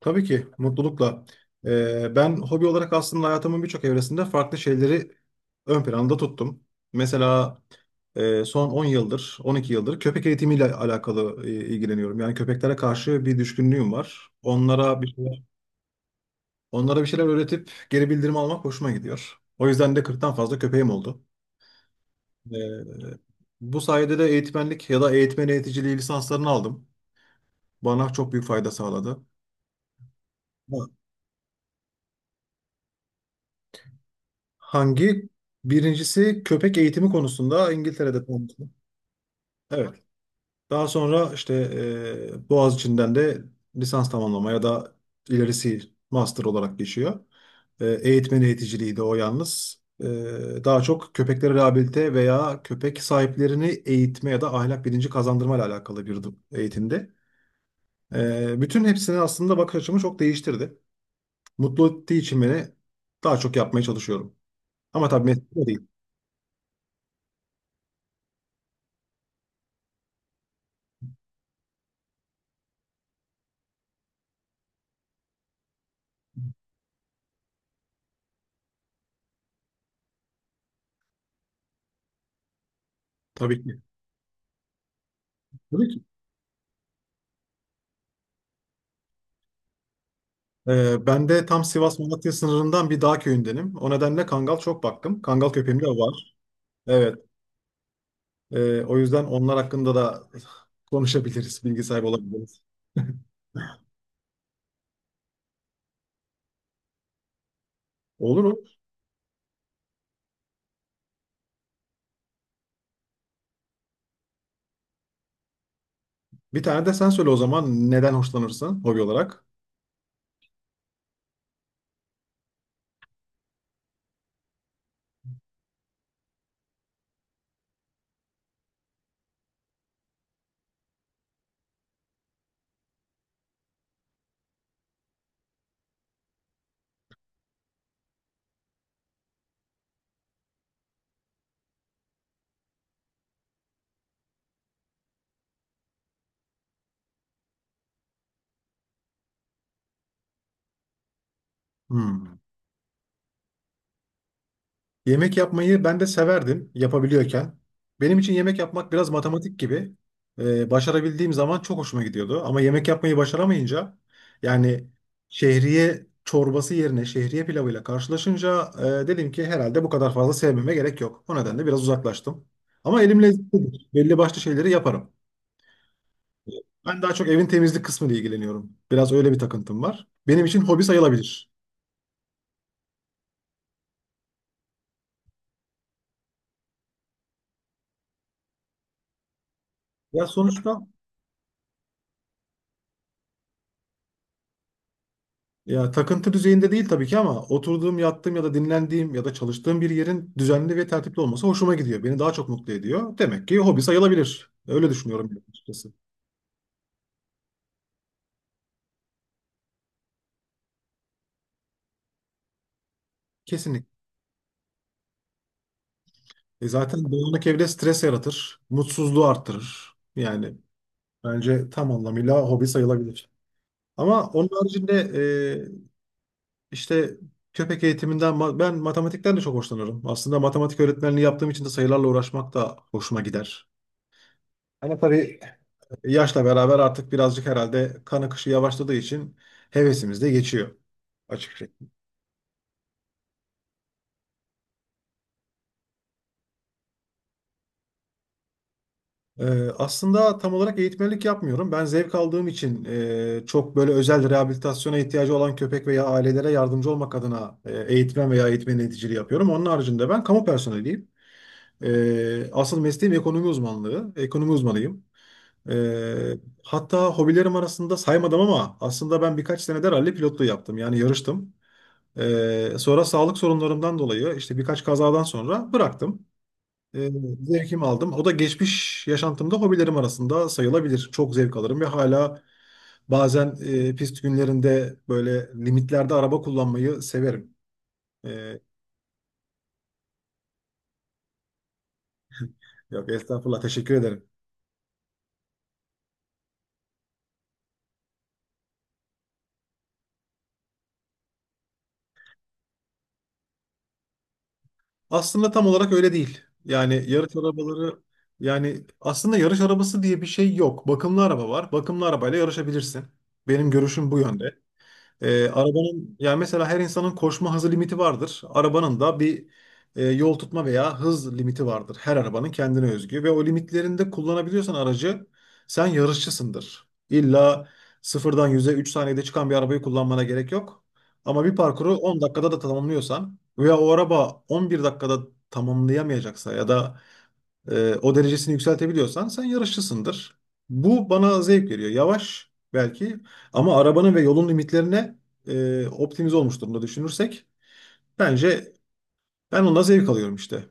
Tabii ki mutlulukla. Ben hobi olarak aslında hayatımın birçok evresinde farklı şeyleri ön planda tuttum. Mesela son 10 yıldır, 12 yıldır köpek eğitimiyle alakalı ilgileniyorum. Yani köpeklere karşı bir düşkünlüğüm var. Onlara bir şeyler öğretip geri bildirim almak hoşuma gidiyor. O yüzden de 40'tan fazla köpeğim oldu. Ee, bu sayede de eğitmenlik ya da eğitmen eğiticiliği lisanslarını aldım. Bana çok büyük fayda sağladı. Hangi? Birincisi köpek eğitimi konusunda İngiltere'de tamamladı. Evet. Daha sonra işte Boğaziçi'nden de lisans tamamlama ya da ilerisi master olarak geçiyor. Eğitmen eğiticiliği de o yalnız. Daha çok köpekleri rehabilite veya köpek sahiplerini eğitme ya da ahlak bilinci kazandırma ile alakalı bir eğitimdi. Bütün hepsini aslında bakış açımı çok değiştirdi. Mutlu ettiği için beni daha çok yapmaya çalışıyorum. Ama tabii meslek o değil. Tabii ki. Tabii ki. Ben de tam Sivas-Malatya sınırından bir dağ köyündenim. O nedenle Kangal çok baktım. Kangal köpeğim de var. Evet. O yüzden onlar hakkında da konuşabiliriz, bilgi sahibi olabiliriz. Olur mu? Bir tane de sen söyle o zaman neden hoşlanırsın hobi olarak? Hmm. Yemek yapmayı ben de severdim yapabiliyorken. Benim için yemek yapmak biraz matematik gibi. Başarabildiğim zaman çok hoşuma gidiyordu. Ama yemek yapmayı başaramayınca yani şehriye çorbası yerine şehriye pilavıyla karşılaşınca dedim ki herhalde bu kadar fazla sevmeme gerek yok. O nedenle biraz uzaklaştım. Ama elimle belli başlı şeyleri yaparım. Ben daha çok evin temizlik kısmıyla ilgileniyorum. Biraz öyle bir takıntım var. Benim için hobi sayılabilir. Ya sonuçta. Ya takıntı düzeyinde değil tabii ki ama oturduğum, yattığım ya da dinlendiğim ya da çalıştığım bir yerin düzenli ve tertipli olması hoşuma gidiyor. Beni daha çok mutlu ediyor. Demek ki hobi sayılabilir. Öyle düşünüyorum ben açıkçası. Kesinlikle. E zaten dağınık evde stres yaratır, mutsuzluğu arttırır. Yani bence tam anlamıyla hobi sayılabilir. Ama onun haricinde e, işte köpek eğitiminden ben matematikten de çok hoşlanıyorum. Aslında matematik öğretmenliği yaptığım için de sayılarla uğraşmak da hoşuma gider. Ama tabii, yaşla beraber artık birazcık herhalde kan akışı yavaşladığı için hevesimiz de geçiyor açıkçası. Aslında tam olarak eğitmenlik yapmıyorum. Ben zevk aldığım için çok böyle özel rehabilitasyona ihtiyacı olan köpek veya ailelere yardımcı olmak adına eğitmen veya eğitmen yöneticiliği yapıyorum. Onun haricinde ben kamu personeliyim. Asıl mesleğim ekonomi uzmanlığı. Ekonomi uzmanıyım. Ee, hatta hobilerim arasında saymadım ama aslında ben birkaç senedir ralli pilotluğu yaptım. Yani yarıştım. Sonra sağlık sorunlarımdan dolayı işte birkaç kazadan sonra bıraktım. Ee, zevkimi aldım. O da geçmiş yaşantımda hobilerim arasında sayılabilir. Çok zevk alırım ve hala bazen pist günlerinde böyle limitlerde araba kullanmayı severim. Ee, yok estağfurullah, teşekkür ederim. Aslında tam olarak öyle değil. Yani yarış arabaları, yani aslında yarış arabası diye bir şey yok. Bakımlı araba var. Bakımlı arabayla yarışabilirsin. Benim görüşüm bu yönde. Arabanın yani mesela her insanın koşma hızı limiti vardır. Arabanın da bir yol tutma veya hız limiti vardır. Her arabanın kendine özgü ve o limitlerinde kullanabiliyorsan aracı sen yarışçısındır. İlla sıfırdan 100'e 3 saniyede çıkan bir arabayı kullanmana gerek yok. Ama bir parkuru 10 dakikada da tamamlıyorsan veya o araba 11 dakikada tamamlayamayacaksa ya da o derecesini yükseltebiliyorsan sen yarışçısındır. Bu bana zevk veriyor. Yavaş belki ama arabanın ve yolun limitlerine optimize olmuş durumda düşünürsek, bence ben ondan zevk alıyorum işte.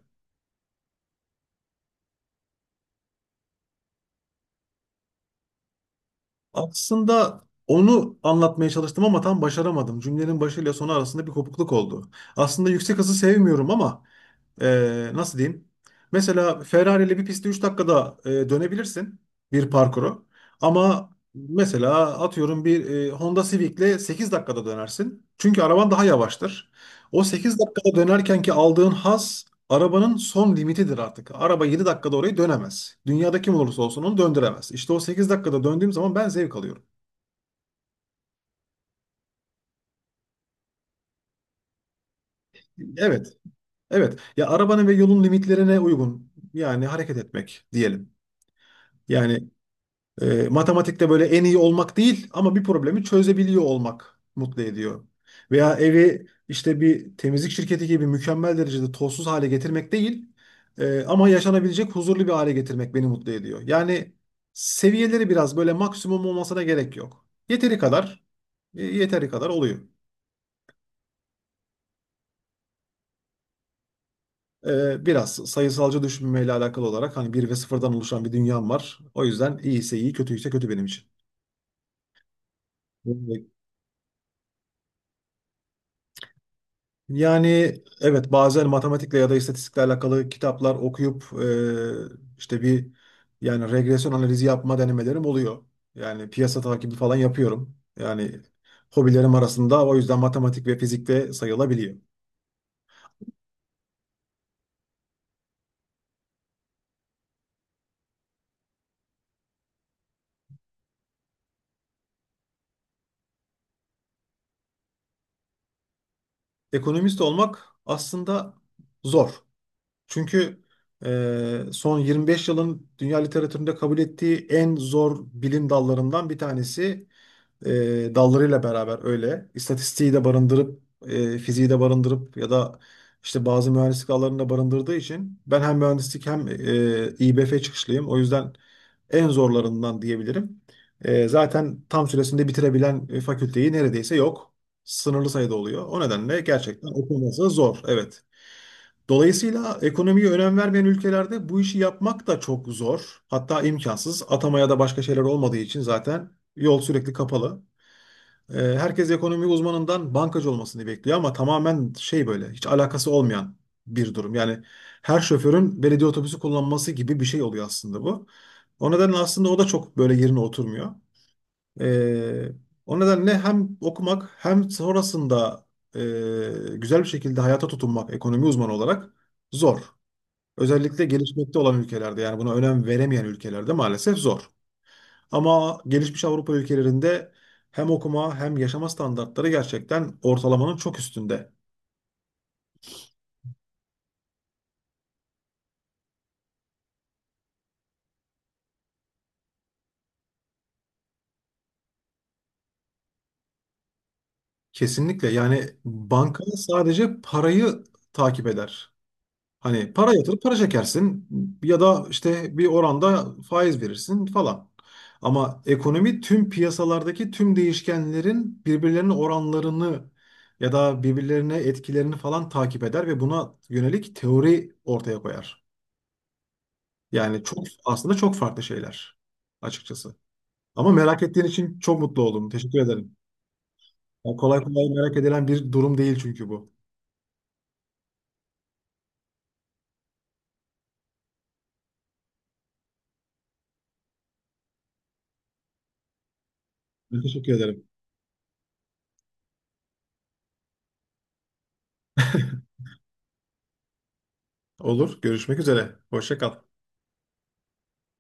Aslında onu anlatmaya çalıştım ama tam başaramadım. Cümlenin başıyla sonu arasında bir kopukluk oldu. Aslında yüksek hızı sevmiyorum ama nasıl diyeyim? Mesela Ferrari ile bir pistte 3 dakikada dönebilirsin bir parkuru. Ama mesela atıyorum bir Honda Civic ile 8 dakikada dönersin. Çünkü araban daha yavaştır. O 8 dakikada dönerken ki aldığın haz arabanın son limitidir artık. Araba 7 dakikada orayı dönemez. Dünyada kim olursa olsun onu döndüremez. İşte o 8 dakikada döndüğüm zaman ben zevk alıyorum. Evet, evet. Ya arabanın ve yolun limitlerine uygun, yani hareket etmek diyelim. Yani, matematikte böyle en iyi olmak değil ama bir problemi çözebiliyor olmak mutlu ediyor. Veya evi işte bir temizlik şirketi gibi mükemmel derecede tozsuz hale getirmek değil ama yaşanabilecek huzurlu bir hale getirmek beni mutlu ediyor. Yani seviyeleri biraz böyle maksimum olmasına gerek yok. Yeteri kadar, yeteri kadar oluyor. Biraz sayısalcı düşünmeyle alakalı olarak hani bir ve sıfırdan oluşan bir dünyam var. O yüzden iyiyse iyi, kötüyse kötü benim için. Yani evet, bazen matematikle ya da istatistikle alakalı kitaplar okuyup işte bir, yani regresyon analizi yapma denemelerim oluyor. Yani piyasa takibi falan yapıyorum. Yani hobilerim arasında o yüzden matematik ve fizik de sayılabiliyor. Ekonomist olmak aslında zor. Çünkü son 25 yılın dünya literatüründe kabul ettiği en zor bilim dallarından bir tanesi, dallarıyla beraber öyle. İstatistiği de barındırıp, fiziği de barındırıp ya da işte bazı mühendislik alanını da barındırdığı için ben hem mühendislik hem İBF çıkışlıyım. O yüzden en zorlarından diyebilirim. Zaten tam süresinde bitirebilen fakülteyi neredeyse yok. Sınırlı sayıda oluyor. O nedenle gerçekten okuması zor. Evet. Dolayısıyla ekonomiye önem vermeyen ülkelerde bu işi yapmak da çok zor. Hatta imkansız. Atamaya da başka şeyler olmadığı için zaten yol sürekli kapalı. Herkes ekonomi uzmanından bankacı olmasını bekliyor ama tamamen şey böyle hiç alakası olmayan bir durum. Yani her şoförün belediye otobüsü kullanması gibi bir şey oluyor aslında bu. O nedenle aslında o da çok böyle yerine oturmuyor. E, o nedenle hem okumak hem sonrasında güzel bir şekilde hayata tutunmak ekonomi uzmanı olarak zor. Özellikle gelişmekte olan ülkelerde yani buna önem veremeyen ülkelerde maalesef zor. Ama gelişmiş Avrupa ülkelerinde hem okuma hem yaşama standartları gerçekten ortalamanın çok üstünde. Kesinlikle, yani banka sadece parayı takip eder. Hani para yatırıp para çekersin ya da işte bir oranda faiz verirsin falan. Ama ekonomi tüm piyasalardaki tüm değişkenlerin birbirlerinin oranlarını ya da birbirlerine etkilerini falan takip eder ve buna yönelik teori ortaya koyar. Yani çok, aslında çok farklı şeyler açıkçası. Ama merak ettiğin için çok mutlu oldum. Teşekkür ederim. Yani kolay kolay merak edilen bir durum değil çünkü bu. Ben teşekkür ederim. Olur. Görüşmek üzere. Hoşça kal.